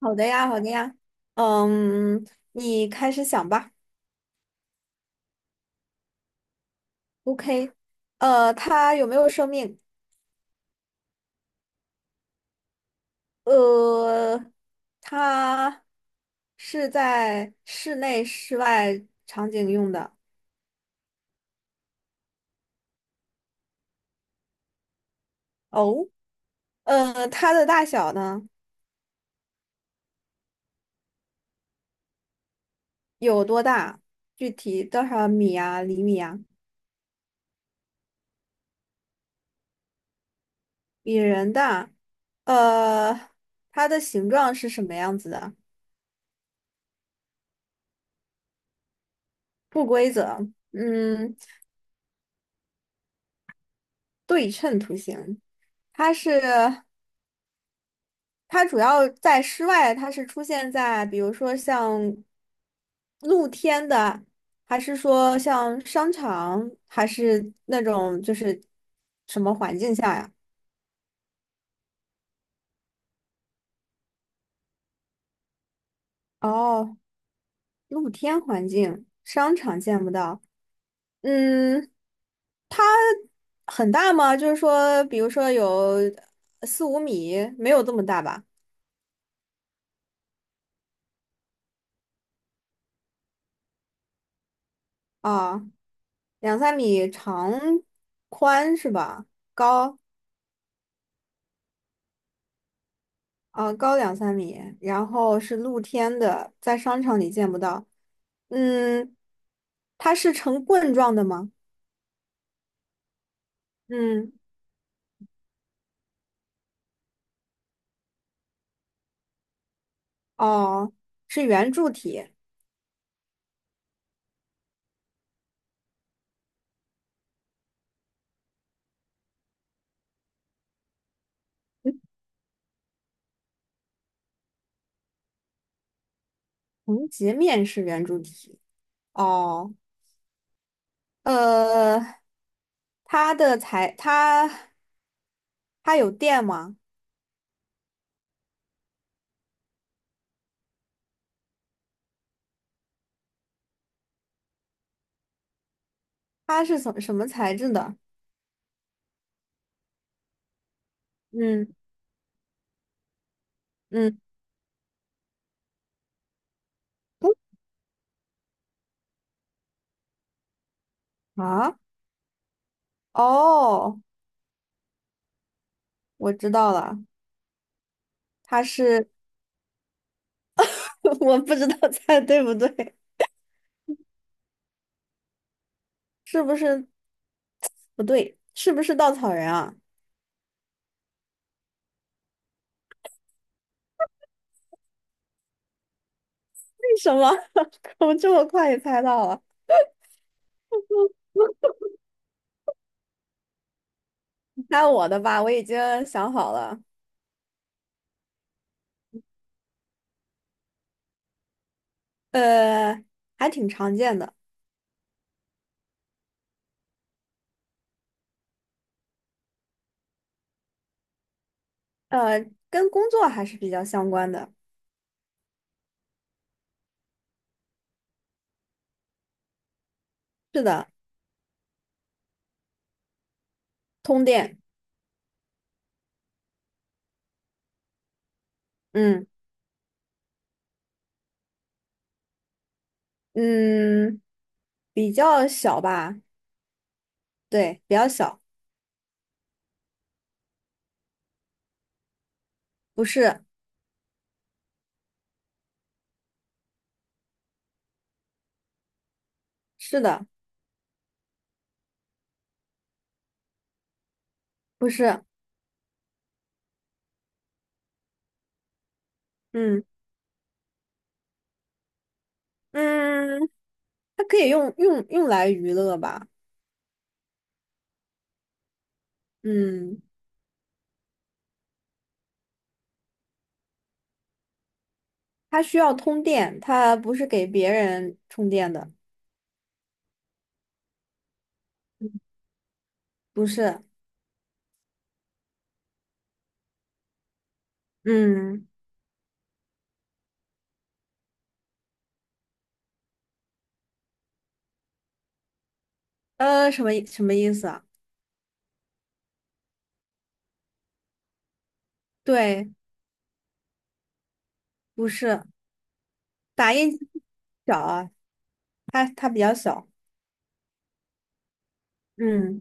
好的呀，好的呀，嗯，你开始想吧。OK，它有没有生命？呃，它是在室内、室外场景用的。哦，它的大小呢有多大？具体多少米啊、厘米啊？比人大。呃，它的形状是什么样子的？不规则，嗯，对称图形。它是。它主要在室外，它是出现在比如说像露天的，还是说像商场，还是那种就是什么环境下呀？哦，露天环境，商场见不到。嗯，它很大吗？就是说，比如说有四五米，没有这么大吧？啊，两三米长宽是吧？高。高两三米，然后是露天的，在商场里见不到。嗯，它是呈棍状的吗？嗯，哦，是圆柱体，横截面是圆柱体。哦，呃，它的材，它有电吗？它是什么材质的？嗯嗯，啊，哦，我知道了，它是，我不知道猜对不对，是不是不对？是不是稻草人啊？为什么？我这么快也猜到了？猜我的吧，我已经想好了。呃，还挺常见的，呃，跟工作还是比较相关的。是的，通电，嗯嗯，比较小吧？对，比较小，不是，是的，不是，嗯嗯，它可以用来娱乐吧？嗯，它需要通电，它不是给别人充电的，不是，嗯，呃，什么意思啊？对，不是打印机小啊，它比较小，嗯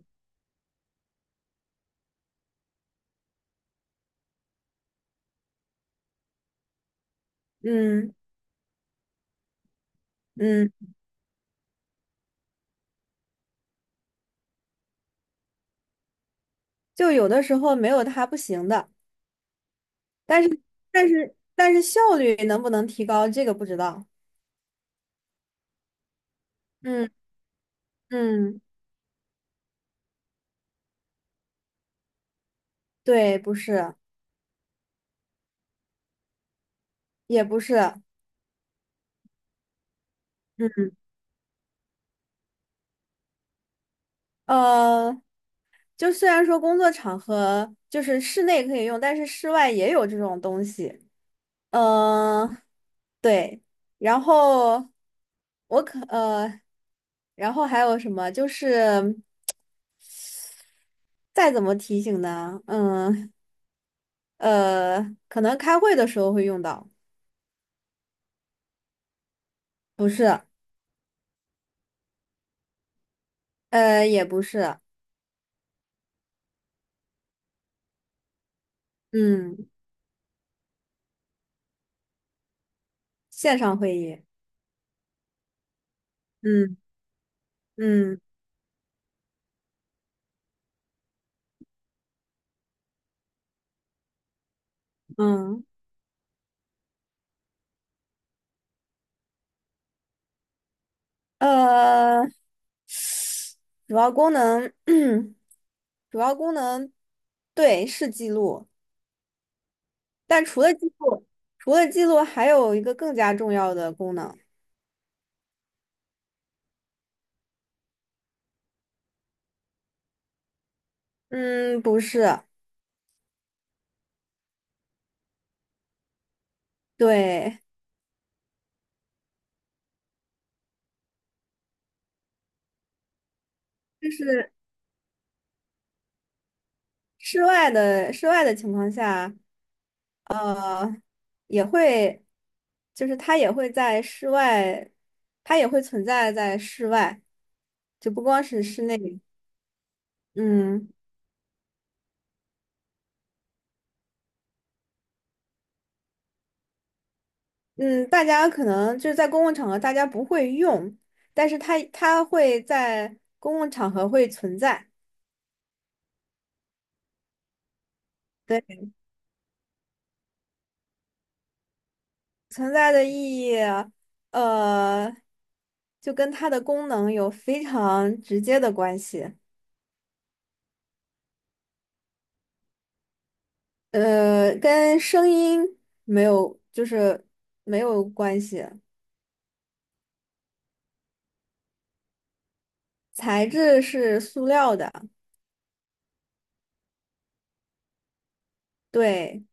嗯嗯，就有的时候没有它不行的，但是效率能不能提高，这个不知道。嗯嗯，对，不是，也不是，嗯呃，就虽然说工作场合就是室内可以用，但是室外也有这种东西。嗯、呃对，然后我可呃，然后还有什么就是。再怎么提醒呢？嗯，呃，可能开会的时候会用到，不是，呃，也不是，嗯，线上会议，嗯嗯嗯，呃，主要功能，主要功能，对，是记录，但除了记录，除了记录，还有一个更加重要的功能，嗯，不是，对，就是室外的情况下。呃，也会，就是它也会在室外，它也会存在在室外，就不光是室内。嗯嗯，大家可能就是在公共场合大家不会用，但是它会在公共场合会存在。对，存在的意义，呃，就跟它的功能有非常直接的关系。呃，跟声音没有，就是没有关系。材质是塑料的，对，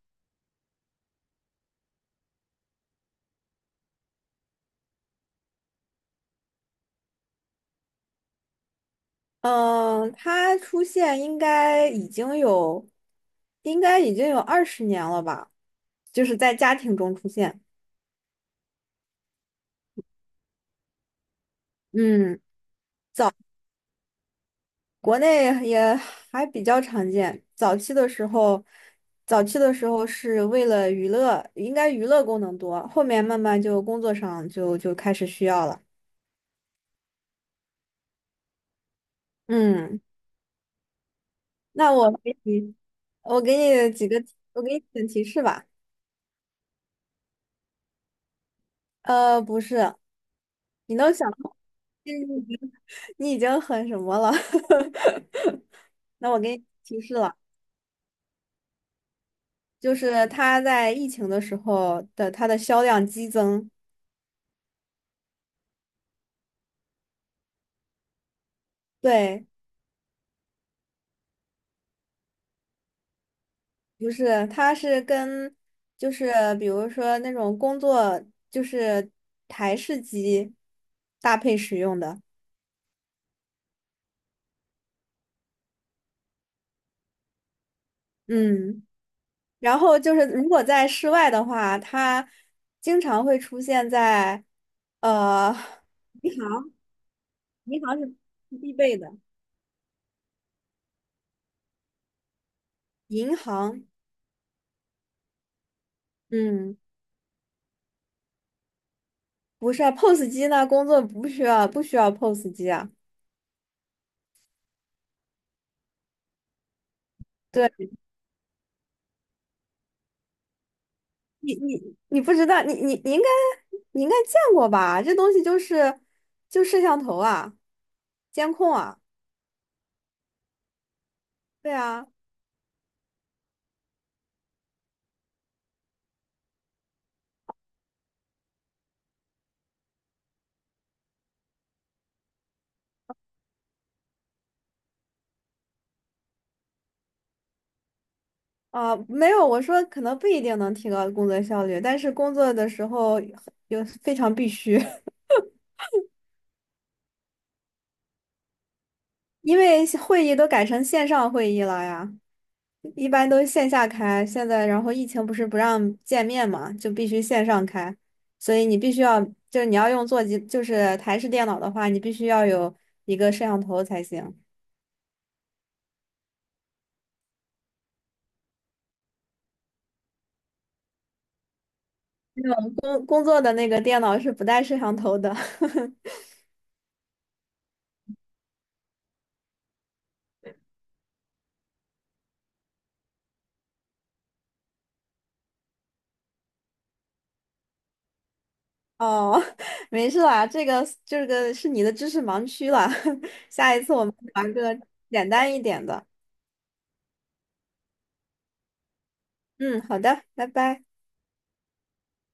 嗯，它出现应该已经有，应该已经有二十年了吧，就是在家庭中出现，嗯，国内也还比较常见。早期的时候，早期的时候是为了娱乐，应该娱乐功能多，后面慢慢就工作上开始需要了。嗯，那我给你，我给你几个，我给你几个提示吧。呃，不是，你能想。你已经你已经很什么了？那我给你提示了，就是它在疫情的时候的它的销量激增。对，不是，它是跟就是比如说那种工作就是台式机搭配使用的。嗯，然后就是如果在室外的话，它经常会出现在呃银行，银行是必备的，银行。嗯，不是啊，POS 机呢？工作不需要，不需要 POS 机啊。对，你不知道，你应该见过吧？这东西就是就摄像头啊，监控啊，对啊，啊、没有，我说可能不一定能提高工作效率，但是工作的时候有非常必须，因为会议都改成线上会议了呀。一般都是线下开，现在然后疫情不是不让见面嘛，就必须线上开，所以你必须要，就是你要用座机，就是台式电脑的话，你必须要有一个摄像头才行。我种工作的那个电脑是不带摄像头的。哦，没事啦，这个是你的知识盲区了，下一次我们玩个简单一点的。嗯，好的，拜拜。